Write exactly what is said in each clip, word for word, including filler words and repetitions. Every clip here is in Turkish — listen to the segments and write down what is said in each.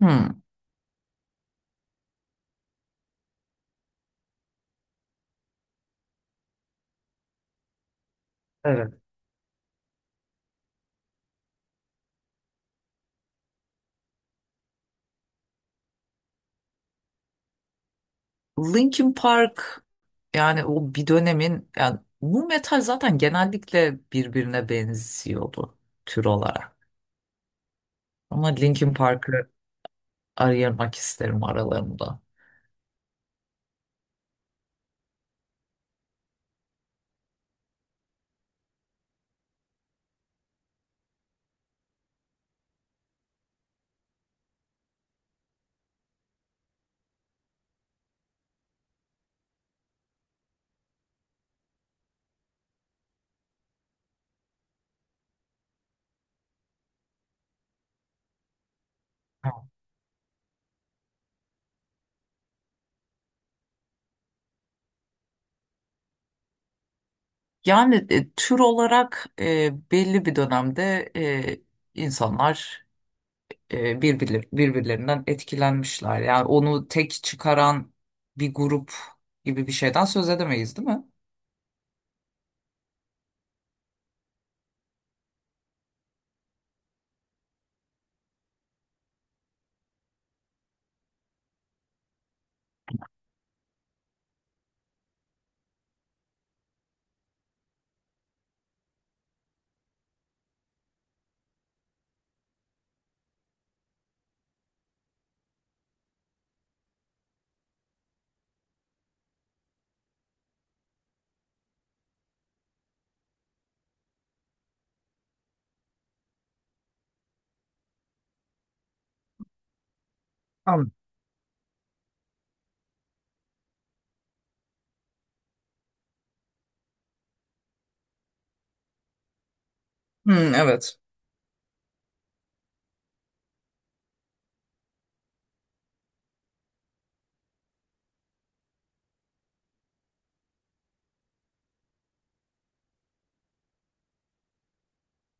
Hmm. Evet. Linkin Park, yani o bir dönemin, yani nu metal zaten genellikle birbirine benziyordu tür olarak. Ama Linkin Park'ı ayırmak isterim aralarında. Tamam. Yani e, tür olarak, e, belli bir dönemde, e, insanlar, e, birbirler- birbirlerinden etkilenmişler. Yani onu tek çıkaran bir grup gibi bir şeyden söz edemeyiz, değil mi? Hmm, evet.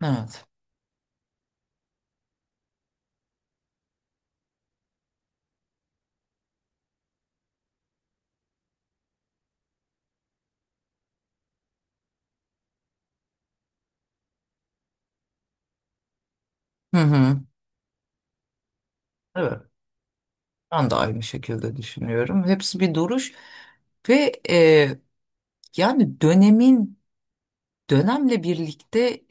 Evet. Hı hı. Evet. Ben de aynı şekilde düşünüyorum. Hepsi bir duruş ve, e, yani dönemin, dönemle birlikte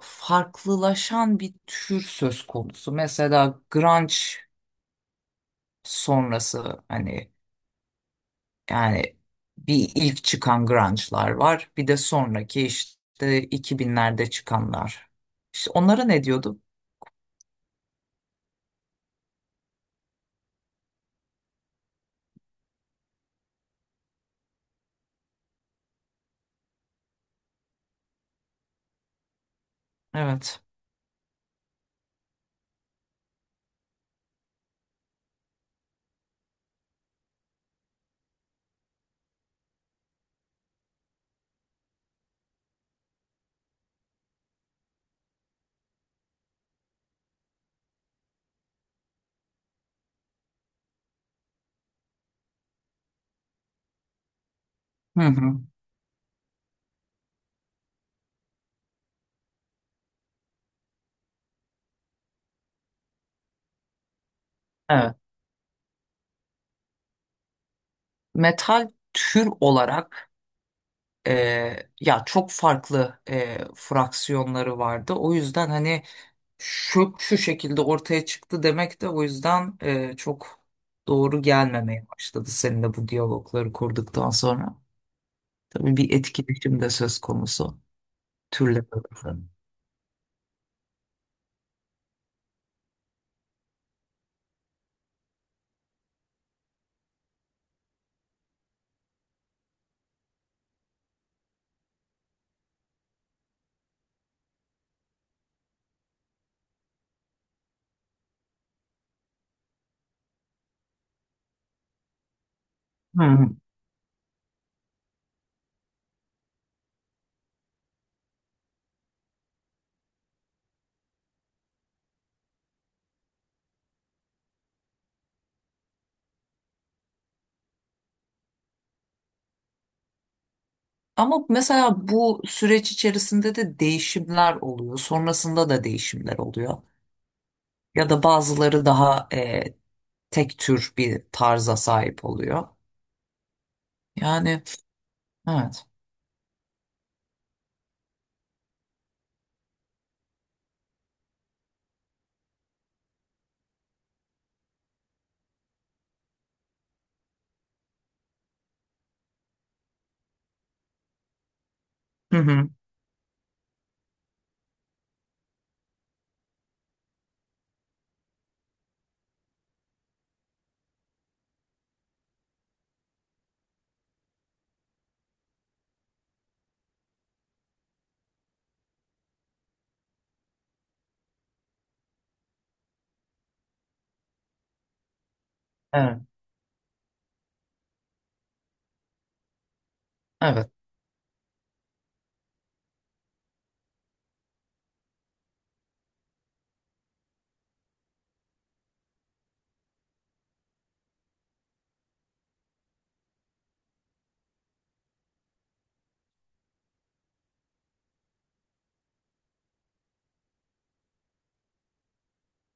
farklılaşan bir tür söz konusu. Mesela grunge sonrası, hani, yani bir ilk çıkan grunge'lar var. Bir de sonraki işte iki binlerde çıkanlar. İşte onlara ne diyordu? Evet. Hı hı. Evet. Metal tür olarak Ee, ya çok farklı e, fraksiyonları vardı. O yüzden hani şu şu şekilde ortaya çıktı demek de o yüzden e, çok doğru gelmemeye başladı seninle bu diyalogları kurduktan sonra. Tabii bir etkileşim de söz konusu türler arasında. Hı. Ama mesela bu süreç içerisinde de değişimler oluyor. Sonrasında da değişimler oluyor. Ya da bazıları daha e, tek tür bir tarza sahip oluyor. Yani evet. Hı hı. Evet, evet,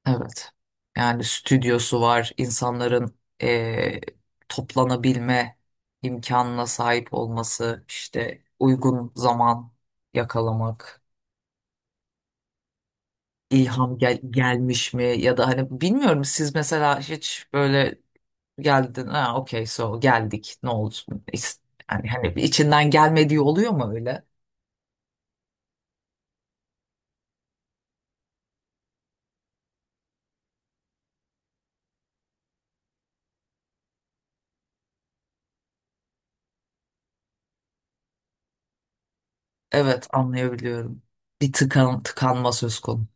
evet. Yani stüdyosu var, insanların eee, toplanabilme imkanına sahip olması, işte uygun zaman yakalamak, ilham gel gelmiş mi, ya da hani bilmiyorum, siz mesela hiç böyle geldin, ha okey so geldik ne oldu? İs- Yani hani içinden gelmediği oluyor mu öyle? Evet, anlayabiliyorum. Bir tıkan, tıkanma söz konusu.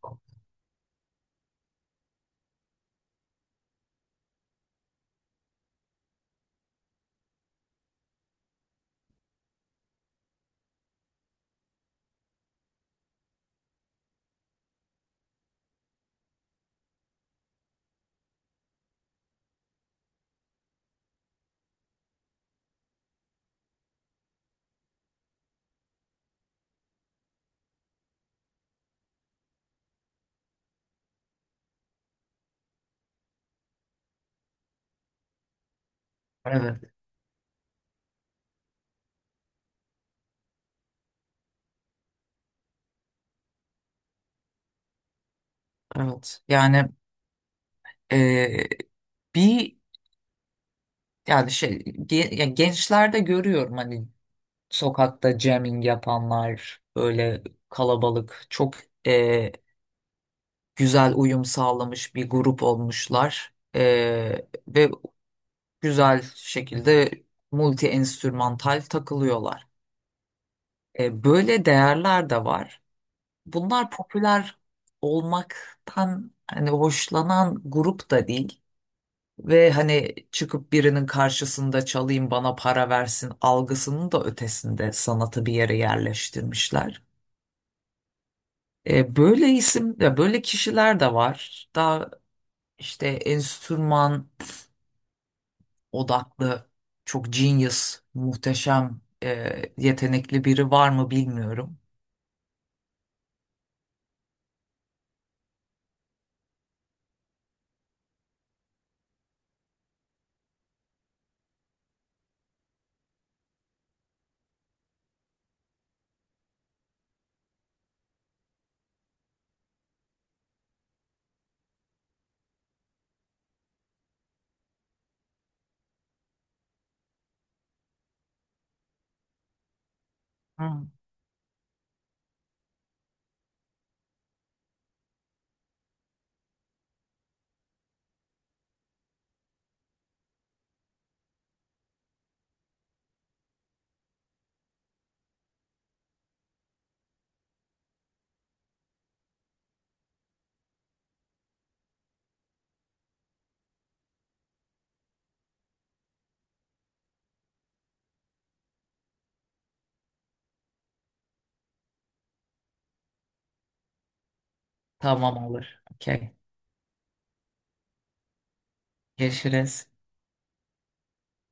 Evet, evet. Yani eee, bir yani şey ge- ya gençlerde görüyorum, hani sokakta jamming yapanlar, böyle kalabalık çok, eee, güzel uyum sağlamış bir grup olmuşlar. Eee, ve güzel şekilde multi enstrümantal takılıyorlar. Eee, böyle değerler de var. Bunlar popüler olmaktan hani hoşlanan grup da değil ve hani çıkıp birinin karşısında çalayım bana para versin algısının da ötesinde sanatı bir yere yerleştirmişler. E, böyle isim, ya böyle kişiler de var. Daha işte enstrüman odaklı çok genius, muhteşem, e, yetenekli biri var mı bilmiyorum. Hmm. Tamam, olur. Okey. Görüşürüz.